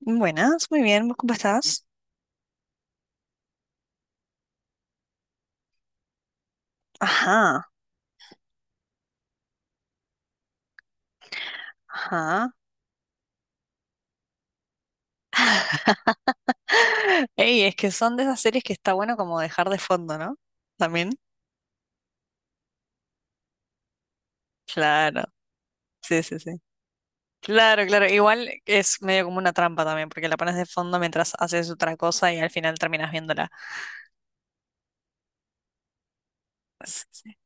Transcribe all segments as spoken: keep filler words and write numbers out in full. Buenas, muy bien, ¿cómo estás? Ajá, ajá. Ey, es que son de esas series que está bueno como dejar de fondo, ¿no? También. Claro, sí, sí, sí. Claro, claro. Igual es medio como una trampa también, porque la pones de fondo mientras haces otra cosa y al final terminas viéndola. Sí, sí.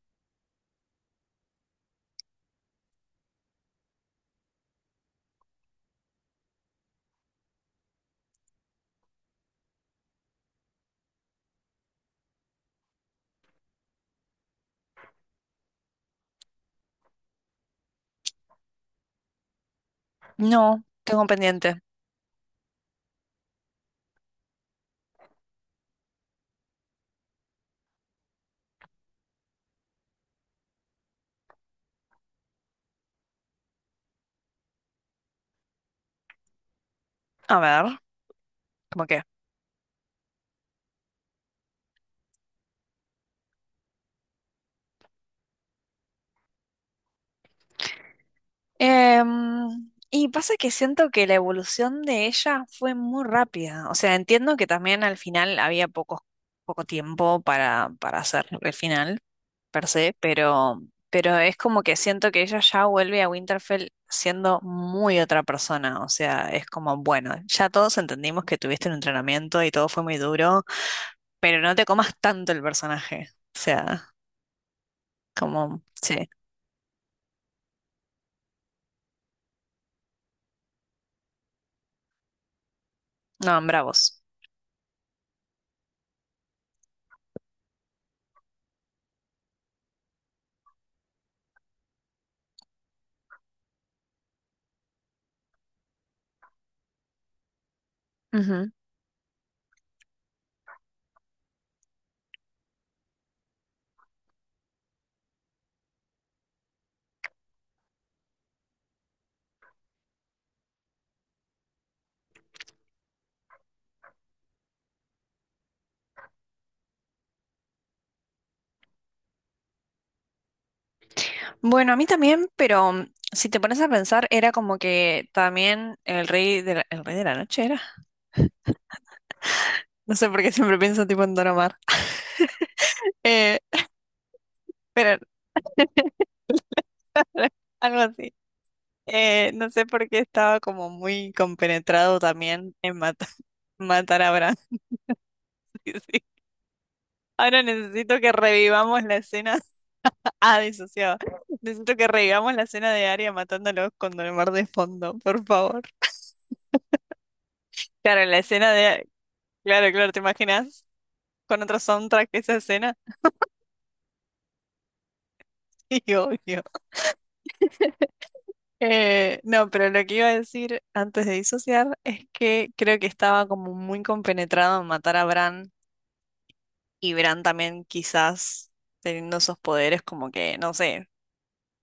No, tengo un pendiente. A ver, ¿cómo qué? Em, y pasa que siento que la evolución de ella fue muy rápida. O sea, entiendo que también al final había poco, poco tiempo para, para hacer el final, per se, pero, pero es como que siento que ella ya vuelve a Winterfell siendo muy otra persona. O sea, es como, bueno, ya todos entendimos que tuviste un entrenamiento y todo fue muy duro, pero no te comas tanto el personaje. O sea, como, sí, no, bravos. Bueno, a mí también, pero mm, si te pones a pensar, era como que también el rey de la, el rey de la noche era. No sé por qué siempre pienso tipo en Don Omar. Eh, pero algo así. Eh, no sé por qué estaba como muy compenetrado también en matar, matar a Bran. Sí, sí. Ahora necesito que revivamos la escena. Ah, disociado. Necesito que revivamos la escena de Arya matándolos con Don Omar de fondo, por favor. Claro, la escena de... Claro, claro, ¿te imaginas? Con otro soundtrack esa escena. Y obvio. Eh, no, pero lo que iba a decir antes de disociar es que creo que estaba como muy compenetrado en matar a Bran y Bran también quizás teniendo esos poderes como que, no sé,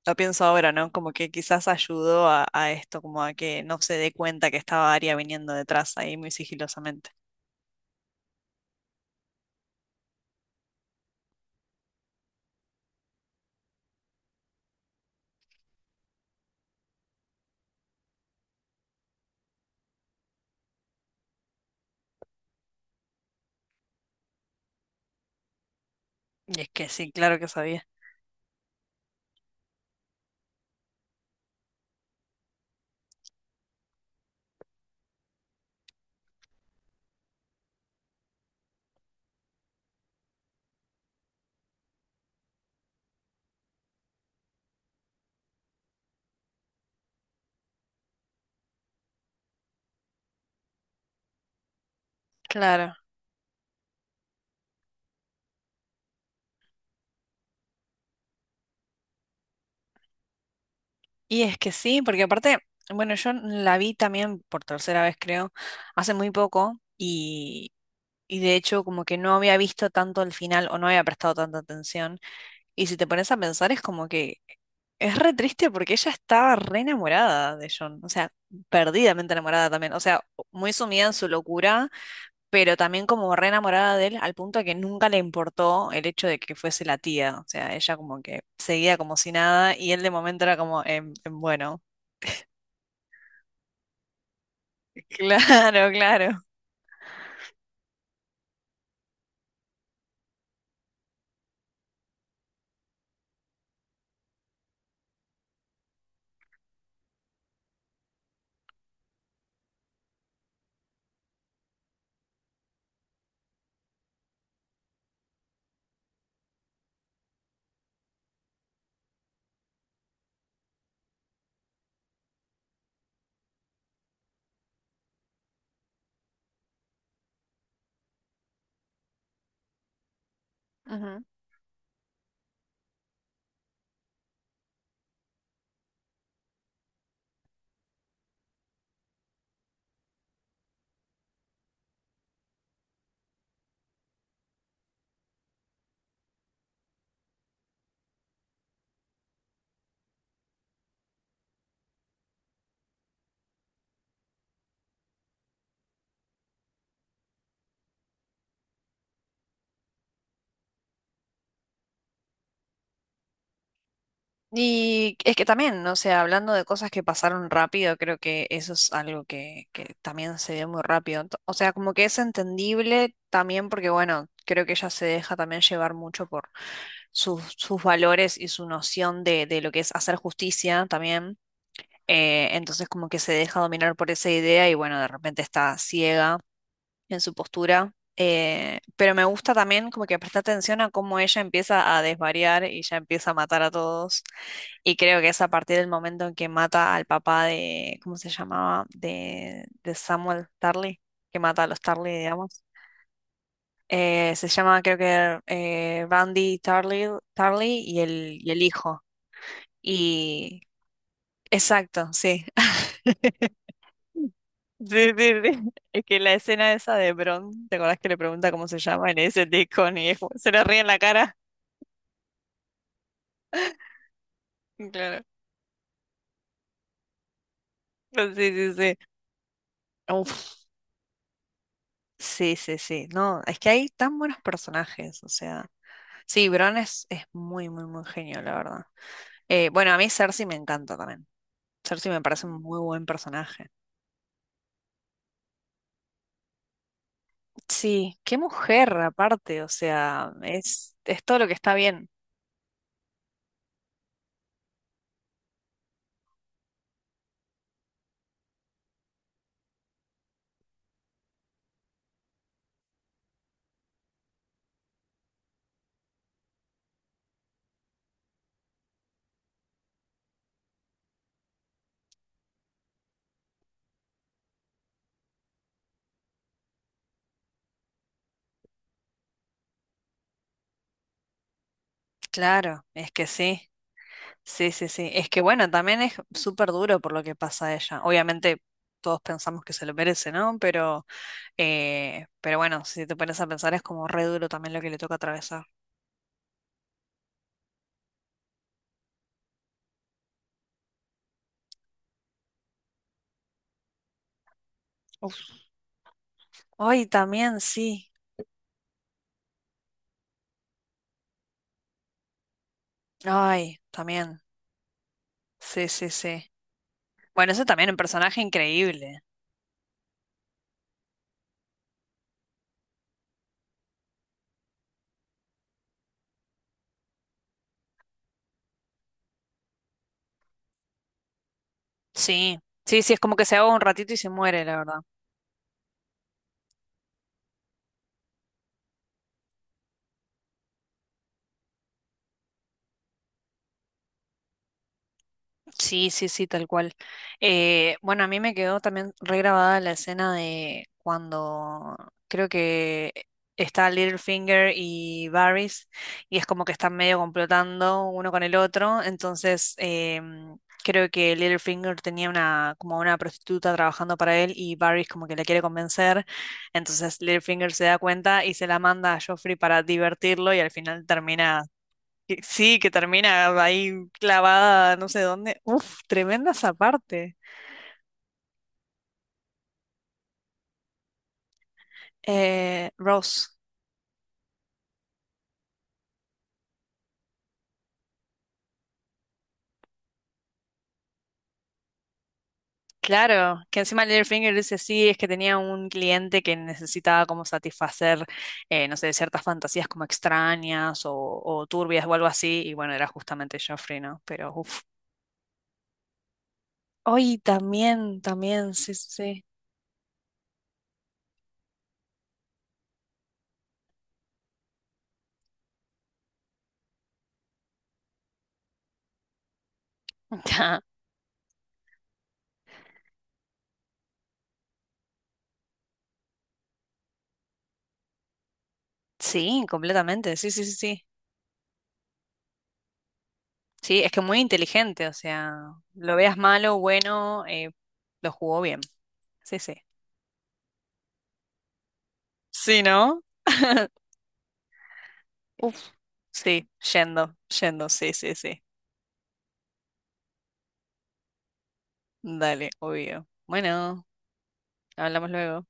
lo pienso ahora, ¿no? Como que quizás ayudó a, a esto, como a que no se dé cuenta que estaba Arya viniendo detrás ahí muy sigilosamente. Y es que sí, claro que sabía. Claro. Y es que sí, porque aparte, bueno, yo la vi también por tercera vez creo, hace muy poco. Y de hecho, como que no había visto tanto el final o no había prestado tanta atención. Y si te pones a pensar, es como que es re triste porque ella estaba re enamorada de John. O sea, perdidamente enamorada también. O sea, muy sumida en su locura, pero también como re enamorada de él, al punto de que nunca le importó el hecho de que fuese la tía. O sea, ella como que seguía como si nada y él de momento era como, em, em, bueno, claro, claro. Y es que también, o sea, hablando de cosas que pasaron rápido, creo que eso es algo que, que también se ve muy rápido. Ento- O sea, como que es entendible también porque, bueno, creo que ella se deja también llevar mucho por sus, sus valores y su noción de, de lo que es hacer justicia también. Eh, entonces, como que se deja dominar por esa idea y, bueno, de repente está ciega en su postura. Eh, pero me gusta también como que presta atención a cómo ella empieza a desvariar y ya empieza a matar a todos. Y creo que es a partir del momento en que mata al papá de, ¿cómo se llamaba? De, de Samuel Tarly, que mata a los Tarly, digamos. Eh, se llama creo que eh, Randy Tarly, Tarly y el, y el hijo. Y exacto, sí. Sí, sí, sí. Es que la escena esa de Bron, ¿te acordás que le pregunta cómo se llama? Y le dice Deacon y es como- se le ríe en la cara. Claro. Sí, sí, sí. Uf, sí, sí, sí. No, es que hay tan buenos personajes, o sea. Sí, Bron es, es muy, muy, muy genio, la verdad. Eh, bueno, a mí Cersei me encanta también. Cersei me parece un muy buen personaje. Sí, qué mujer aparte, o sea, es, es todo lo que está bien. Claro, es que sí. Sí, sí, sí. Es que bueno, también es súper duro por lo que pasa a ella. Obviamente todos pensamos que se lo merece, ¿no? Pero, eh, pero bueno, si te pones a pensar es como re duro también lo que le toca atravesar. Uf. Ay, también, sí. Ay, también. Sí, sí, sí. Bueno, ese también es un personaje increíble. Sí. Sí, sí, es como que se ahoga un ratito y se muere, la verdad. Sí, sí, sí, tal cual. Eh, bueno, a mí me quedó también regrabada la escena de cuando creo que está Littlefinger y Varys y es como que están medio complotando uno con el otro. Entonces, em, creo que Littlefinger tenía una como una prostituta trabajando para él y Varys como que la quiere convencer. Entonces, Littlefinger se da cuenta y se la manda a Joffrey para divertirlo y al final termina que- Sí, que termina ahí clavada no sé dónde. Uf, tremenda esa parte. Eh, Rose, claro, que encima Littlefinger dice sí, es que tenía un cliente que necesitaba como satisfacer, eh, no sé, ciertas fantasías como extrañas o, o turbias o algo así, y bueno, era justamente Joffrey, ¿no? Pero uf. Hoy también, también, sí, sí, sí. Sí, completamente, sí, sí, sí, sí. Sí, es que muy inteligente, o sea, lo veas malo, bueno, eh, lo jugó bien. Sí, sí. Sí, ¿no? Uf, sí, yendo, yendo, sí, sí, sí. Dale, obvio. Bueno, hablamos luego.